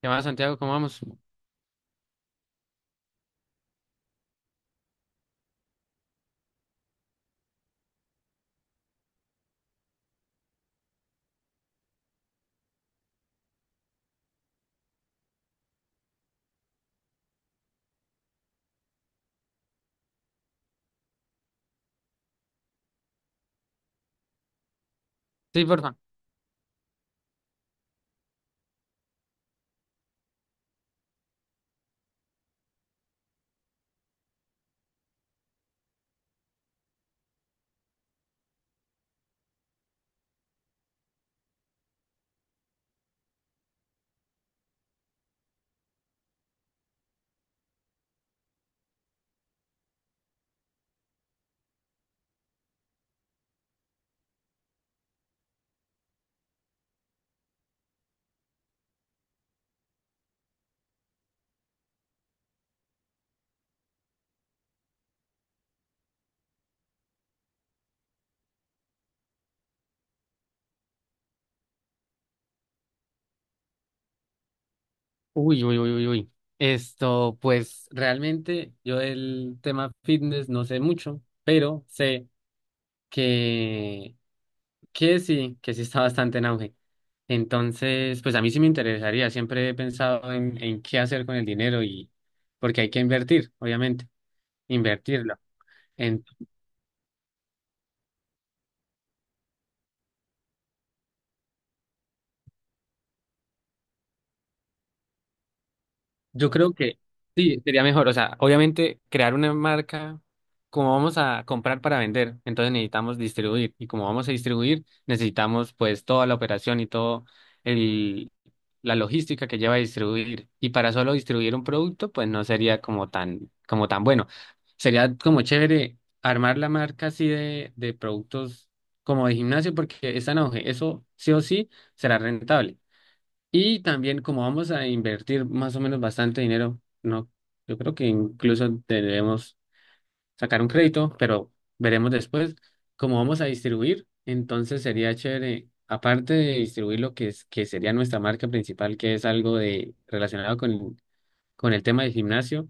¿Qué más, Santiago? ¿Cómo vamos? Sí, porfa. Uy, uy, uy, uy, uy. Esto, pues realmente yo del tema fitness no sé mucho, pero sé que, que sí está bastante en auge. Entonces, pues a mí sí me interesaría. Siempre he pensado en qué hacer con el dinero y porque hay que invertir, obviamente, invertirlo. Yo creo que sí, sería mejor. O sea, obviamente crear una marca, como vamos a comprar para vender, entonces necesitamos distribuir. Y como vamos a distribuir, necesitamos pues toda la operación y todo el, la logística que lleva a distribuir. Y para solo distribuir un producto, pues no sería como tan bueno. Sería como chévere armar la marca así de productos como de gimnasio, porque esa en auge. Eso sí o sí será rentable. Y también como vamos a invertir más o menos bastante dinero, no, yo creo que incluso debemos sacar un crédito, pero veremos después cómo vamos a distribuir. Entonces sería chévere, aparte de distribuir lo que es, que sería nuestra marca principal, que es algo de relacionado con el tema del gimnasio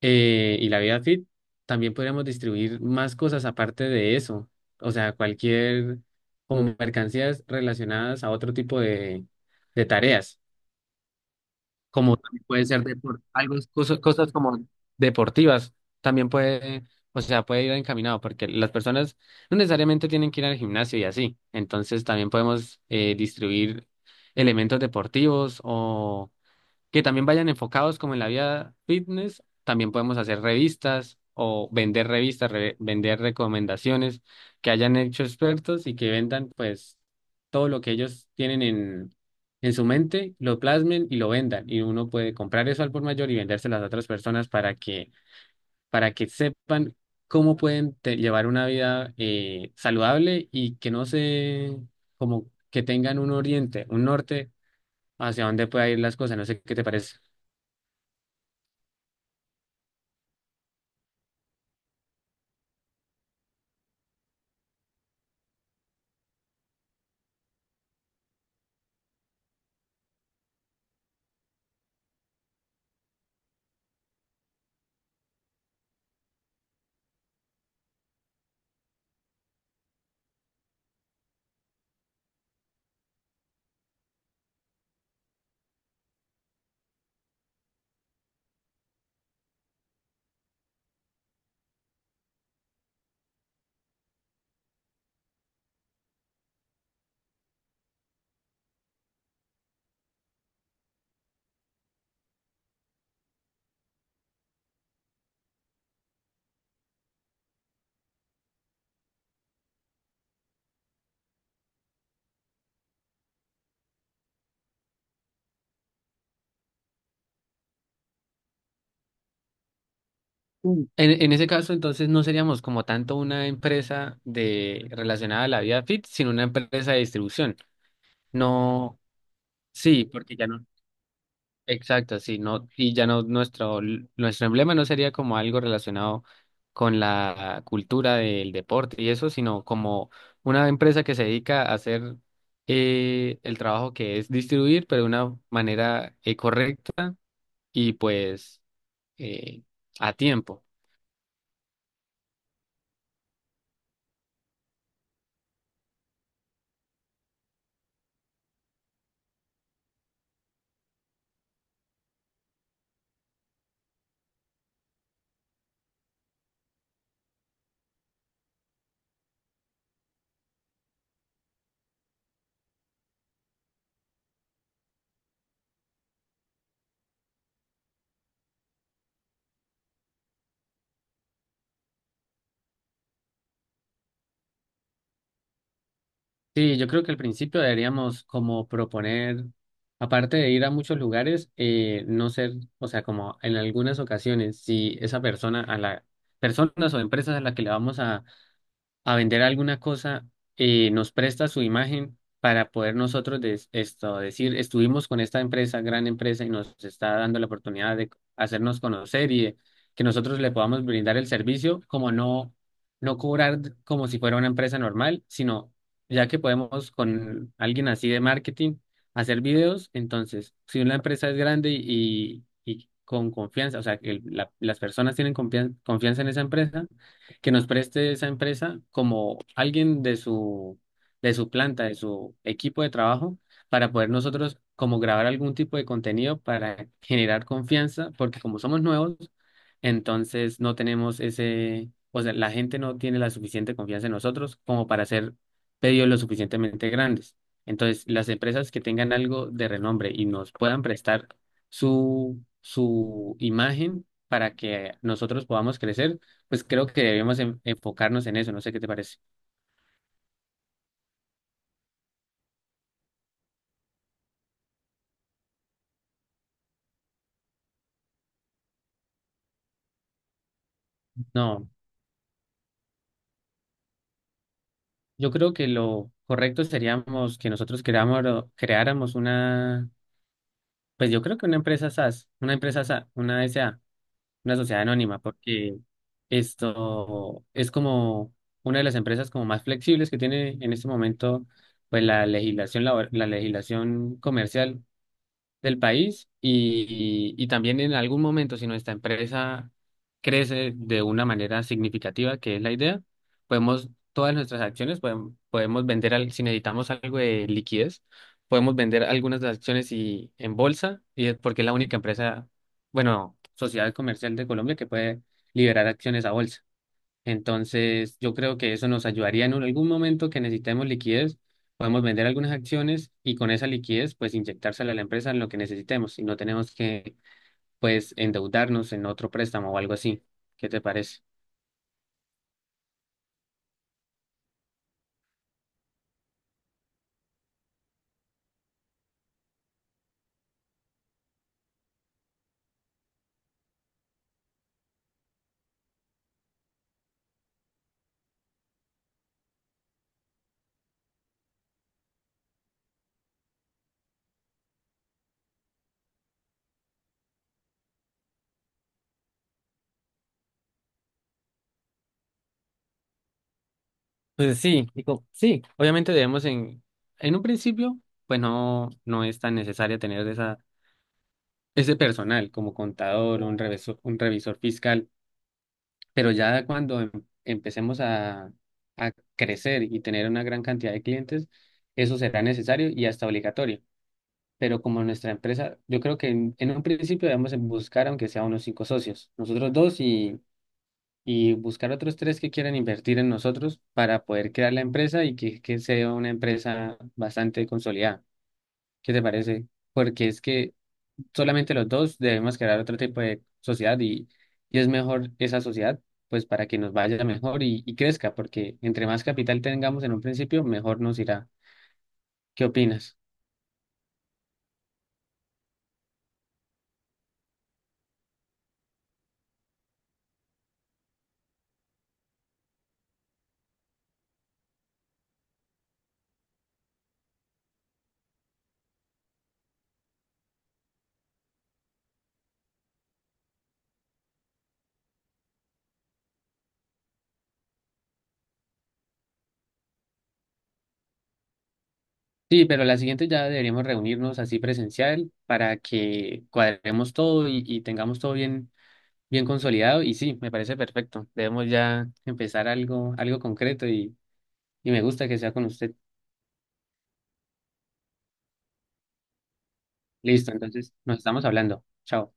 y la vida fit, también podríamos distribuir más cosas aparte de eso. O sea, cualquier como mercancías relacionadas a otro tipo de tareas como también puede ser algo, cosas como deportivas, también puede, o sea, puede ir encaminado, porque las personas no necesariamente tienen que ir al gimnasio y así, entonces también podemos distribuir elementos deportivos o que también vayan enfocados como en la vida fitness. También podemos hacer revistas o vender revistas, vender recomendaciones que hayan hecho expertos y que vendan pues todo lo que ellos tienen en su mente, lo plasmen y lo vendan. Y uno puede comprar eso al por mayor y vendérselo a las otras personas para que, sepan cómo pueden llevar una vida saludable y que no se, como que tengan un oriente, un norte hacia dónde pueda ir las cosas. No sé qué te parece. Mm. En ese caso, entonces no seríamos como tanto una empresa de relacionada a la vida fit, sino una empresa de distribución. No, sí, porque ya no. Exacto, sí, no, y ya no nuestro emblema no sería como algo relacionado con la cultura del deporte y eso, sino como una empresa que se dedica a hacer el trabajo que es distribuir, pero de una manera correcta y pues eh, a tiempo. Sí, yo creo que al principio deberíamos como proponer, aparte de ir a muchos lugares, no ser, o sea, como en algunas ocasiones, si esa persona personas o empresas a las que le vamos a vender alguna cosa, nos presta su imagen para poder nosotros esto, decir, estuvimos con esta empresa, gran empresa, y nos está dando la oportunidad de hacernos conocer y de que nosotros le podamos brindar el servicio, como no, no cobrar como si fuera una empresa normal, sino ya que podemos con alguien así de marketing hacer videos, entonces, si una empresa es grande y con confianza, o sea, que las personas tienen confianza en esa empresa, que nos preste esa empresa como alguien de su, planta, de su equipo de trabajo, para poder nosotros como grabar algún tipo de contenido para generar confianza, porque como somos nuevos, entonces no tenemos ese, o sea, la gente no tiene la suficiente confianza en nosotros como para hacer pedidos lo suficientemente grandes. Entonces, las empresas que tengan algo de renombre y nos puedan prestar su imagen para que nosotros podamos crecer, pues creo que debemos enfocarnos en eso, no sé qué te parece. No, yo creo que lo correcto seríamos que nosotros creáramos una, pues yo creo que una empresa SaaS una S A una sociedad anónima, porque esto es como una de las empresas como más flexibles que tiene en este momento, pues la legislación la legislación comercial del país y también en algún momento, si nuestra empresa crece de una manera significativa, que es la idea, podemos, todas nuestras acciones, podemos, vender, si necesitamos algo de liquidez, podemos vender algunas de las acciones y, en bolsa, y es porque es la única empresa, bueno, sociedad comercial de Colombia que puede liberar acciones a bolsa. Entonces, yo creo que eso nos ayudaría algún momento que necesitemos liquidez, podemos vender algunas acciones y con esa liquidez, pues inyectársela a la empresa en lo que necesitemos y no tenemos que, pues, endeudarnos en otro préstamo o algo así. ¿Qué te parece? Pues sí, digo, sí, obviamente debemos en, un principio, pues no, no es tan necesario tener ese personal como contador, un revisor, fiscal. Pero ya cuando empecemos a crecer y tener una gran cantidad de clientes, eso será necesario y hasta obligatorio. Pero como nuestra empresa, yo creo que en un principio debemos en buscar, aunque sea unos cinco socios, nosotros dos y buscar otros tres que quieran invertir en nosotros para poder crear la empresa y que sea una empresa bastante consolidada. ¿Qué te parece? Porque es que solamente los dos debemos crear otro tipo de sociedad y es mejor esa sociedad, pues para que nos vaya mejor y crezca, porque entre más capital tengamos en un principio, mejor nos irá. ¿Qué opinas? Sí, pero la siguiente ya deberíamos reunirnos así presencial para que cuadremos todo y tengamos todo bien, bien consolidado. Y sí, me parece perfecto. Debemos ya empezar algo concreto y me gusta que sea con usted. Listo, entonces nos estamos hablando. Chao.